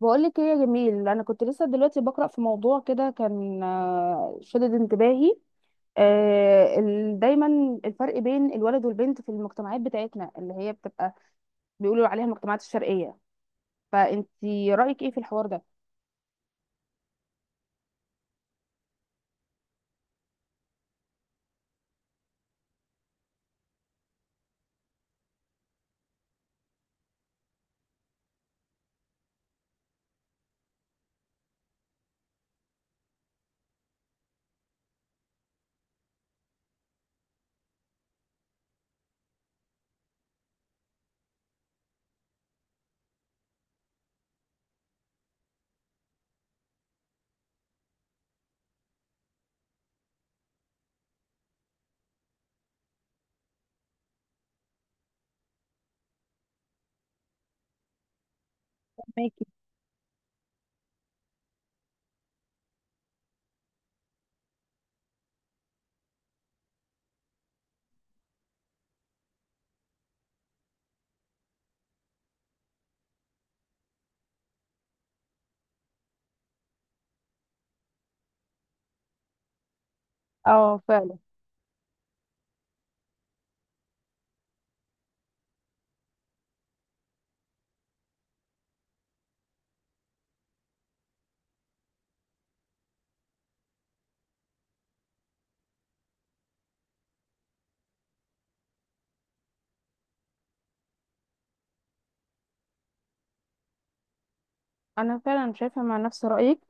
بقولك ايه يا جميل، انا كنت لسه دلوقتي بقرا في موضوع كده كان، شدد انتباهي. دايما الفرق بين الولد والبنت في المجتمعات بتاعتنا اللي هي بتبقى بيقولوا عليها المجتمعات الشرقيه، فانتي رايك ايه في الحوار ده؟ ماكي. اه فعلا. انا فعلا شايفه مع نفس رايك.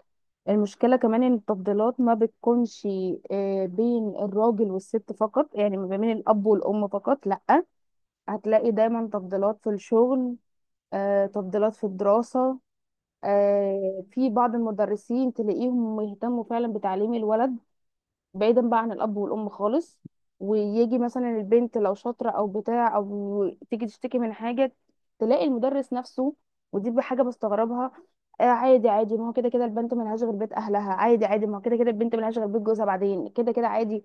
المشكله كمان ان التفضيلات ما بتكونش بين الراجل والست فقط، يعني ما بين الاب والام فقط، لا. هتلاقي دايما تفضيلات في الشغل، تفضيلات في الدراسه. في بعض المدرسين تلاقيهم يهتموا فعلا بتعليم الولد، بعيدا بقى عن الاب والام خالص. ويجي مثلا البنت لو شاطره او بتاع او تيجي تشتكي من حاجه، تلاقي المدرس نفسه، ودي بحاجه بستغربها، آه، عادي عادي، ما هو كده كده البنت ملهاش غير بيت اهلها، عادي عادي، ما هو كده كده البنت ملهاش غير بيت جوزها بعدين، كده كده عادي.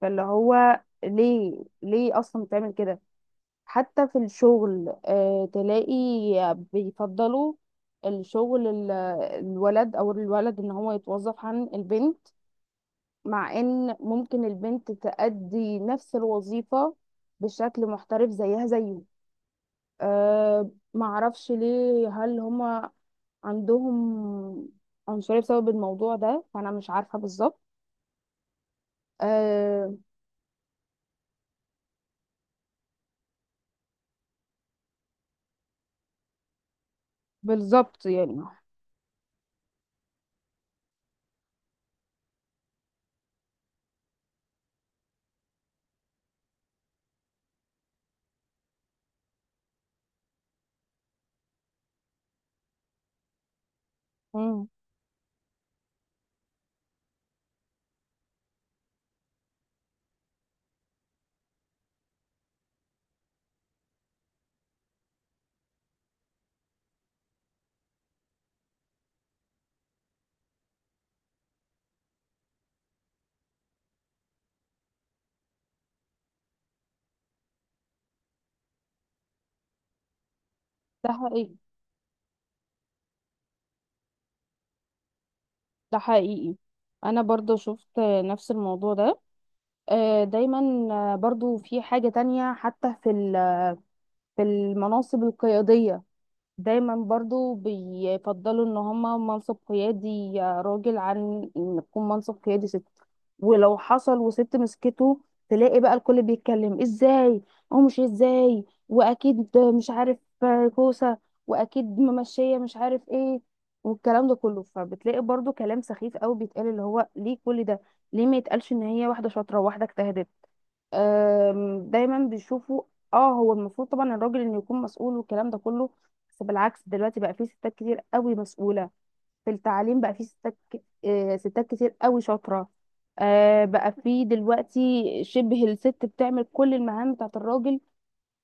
فاللي هو ليه ليه اصلا بتعمل كده؟ حتى في الشغل تلاقي بيفضلوا الشغل ال- الولد، او الولد ان هو يتوظف عن البنت، مع ان ممكن البنت تأدي نفس الوظيفة بشكل محترف زيها زيه. أه، معرفش ليه، هل هما عندهم عنصرية بسبب الموضوع ده؟ فأنا مش عارفة بالظبط. أه. بالظبط يعني. مم. ده حقيقي. ده حقيقي. أنا برضو شفت نفس الموضوع ده. دايما. برضو في حاجة تانية حتى في في المناصب القيادية، دايما برضو بيفضلوا ان هما منصب قيادي راجل عن ان يكون منصب قيادي ست. ولو حصل وست مسكته، تلاقي بقى الكل بيتكلم ازاي، او مش ازاي واكيد مش عارف، كوسة، واكيد ممشية مش عارف ايه، والكلام ده كله. فبتلاقي برضو كلام سخيف قوي بيتقال، اللي هو ليه كل ده؟ ليه ما يتقالش ان هي واحدة شاطرة وواحدة اجتهدت؟ دايما بيشوفوا اه هو المفروض طبعا الراجل انه يكون مسؤول، والكلام ده كله. بس بالعكس دلوقتي بقى في ستات كتير قوي مسؤولة، في التعليم بقى في ستات كتير قوي شاطرة. بقى في دلوقتي شبه الست بتعمل كل المهام بتاعت الراجل،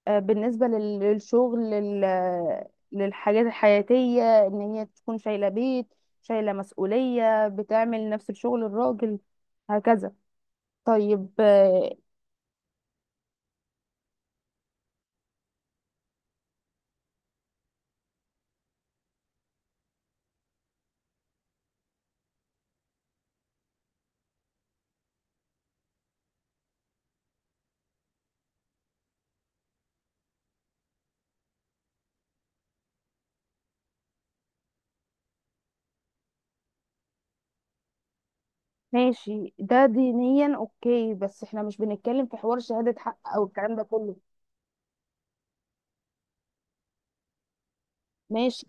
بالنسبة للشغل، للحاجات الحياتية، ان هي تكون شايلة بيت، شايلة مسؤولية، بتعمل نفس الشغل الراجل، هكذا. طيب، ماشي. ده دينيا اوكي، بس احنا مش بنتكلم في حوار شهادة حق او الكلام ده كله. ماشي.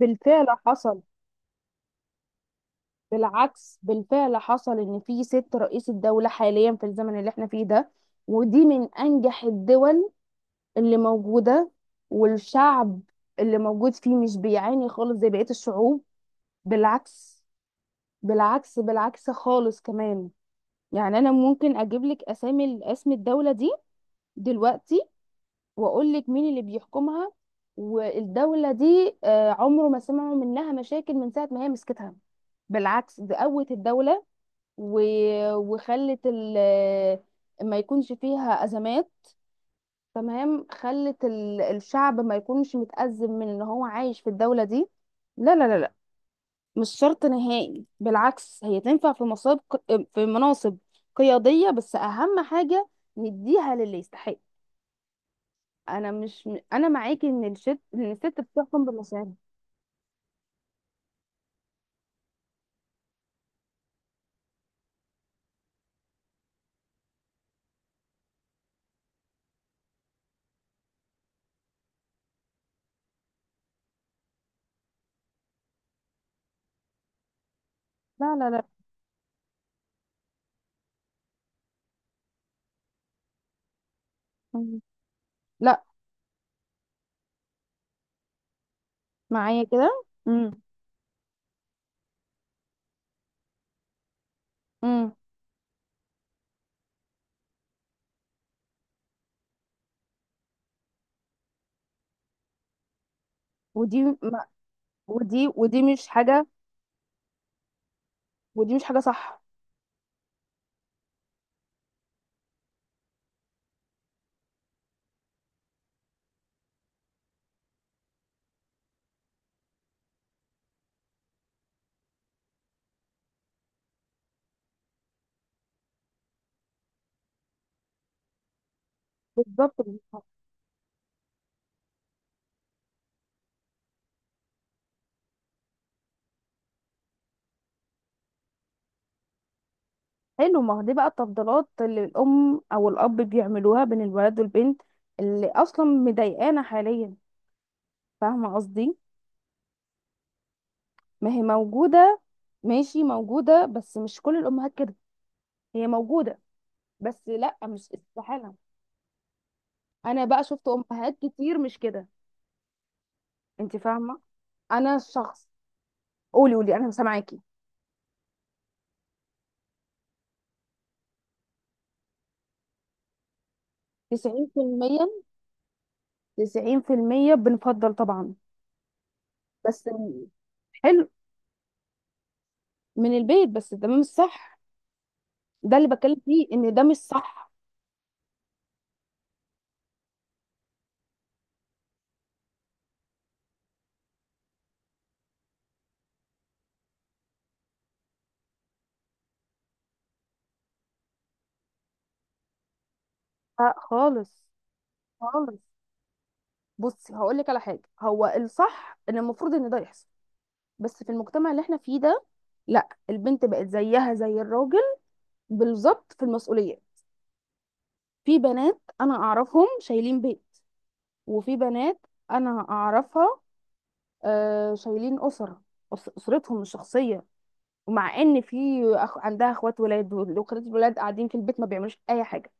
بالفعل حصل. بالعكس، بالفعل حصل ان في ست رئيس الدولة حاليا في الزمن اللي احنا فيه ده، ودي من انجح الدول اللي موجودة، والشعب اللي موجود فيه مش بيعاني خالص زي بقية الشعوب. بالعكس. بالعكس، بالعكس خالص كمان. يعني انا ممكن اجيب لك اسامي، اسم الدولة دي دلوقتي، واقول لك مين اللي بيحكمها. والدولة دي عمره ما سمعوا منها مشاكل من ساعة ما هي مسكتها. بالعكس، ده قوت الدولة و... وخلت ال... ما يكونش فيها أزمات. تمام، خلت ال... الشعب ما يكونش متأزم من ان هو عايش في الدولة دي. لا لا لا لا، مش شرط نهائي. بالعكس، هي تنفع في مصاب، في مناصب قيادية، بس أهم حاجة نديها للي يستحق. انا مش انا معاكي ان الست، ان الست بتحكم بمشاعرها. لا لا لا. مم. لا، معايا كده. امم ودي ودي، ودي مش حاجه، ودي مش حاجه صح. بالظبط، مش صح. حلو، ما هو دي بقى التفضيلات اللي الام او الاب بيعملوها بين الولد والبنت، اللي اصلا مضايقانا حاليا، فاهمه قصدي. ما هي موجوده، ماشي موجوده، بس مش كل الامهات كده. هي موجوده، بس لا مش استحاله. انا بقى شفت امهات كتير مش كده، انت فاهمه. انا الشخص، قولي قولي انا سامعاكي. 90%. 90% بنفضل طبعا بس. حلو، من البيت، بس ده مش صح. ده اللي بتكلم فيه، ان ده مش صح. آه خالص. خالص، بصي هقول لك على حاجه، هو الصح ان المفروض ان ده يحصل، بس في المجتمع اللي احنا فيه ده لا، البنت بقت زيها زي الراجل بالظبط في المسؤوليه. في بنات انا اعرفهم شايلين بيت، وفي بنات انا اعرفها شايلين أسر، أسرتهم الشخصية، ومع إن في أخ... عندها إخوات ولاد، وأخوات الولاد قاعدين في البيت ما بيعملوش أي حاجة،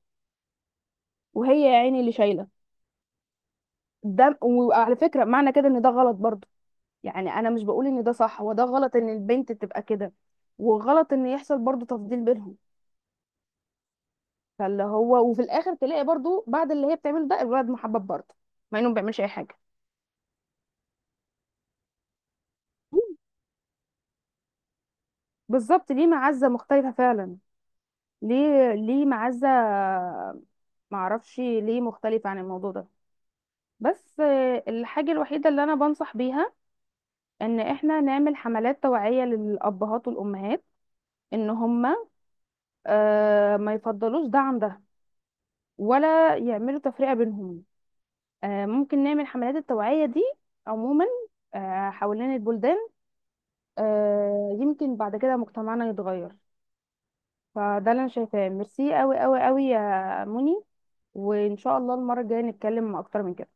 وهي يا عيني اللي شايلة. ده وعلى فكرة معنى كده إن ده غلط برضه، يعني أنا مش بقول إن ده صح، هو ده غلط إن البنت تبقى كده، وغلط إن يحصل برضه تفضيل بينهم. فاللي هو وفي الآخر تلاقي برضه بعد اللي هي بتعمله ده، الولد محبب برضه مع إنه ما بيعملش أي حاجة. بالظبط، ليه معزة مختلفة فعلا، ليه ليه معزة، معرفش ليه مختلف عن الموضوع ده. بس الحاجة الوحيدة اللي أنا بنصح بيها، إن إحنا نعمل حملات توعية للأبهات والأمهات، إن هما ما يفضلوش ده عن ده، ولا يعملوا تفرقة بينهم. ممكن نعمل حملات التوعية دي عموما، حوالين البلدان، يمكن بعد كده مجتمعنا يتغير. فده اللي أنا شايفاه. ميرسي أوي أوي أوي يا مني، وإن شاء الله المرة الجاية نتكلم أكتر من كده.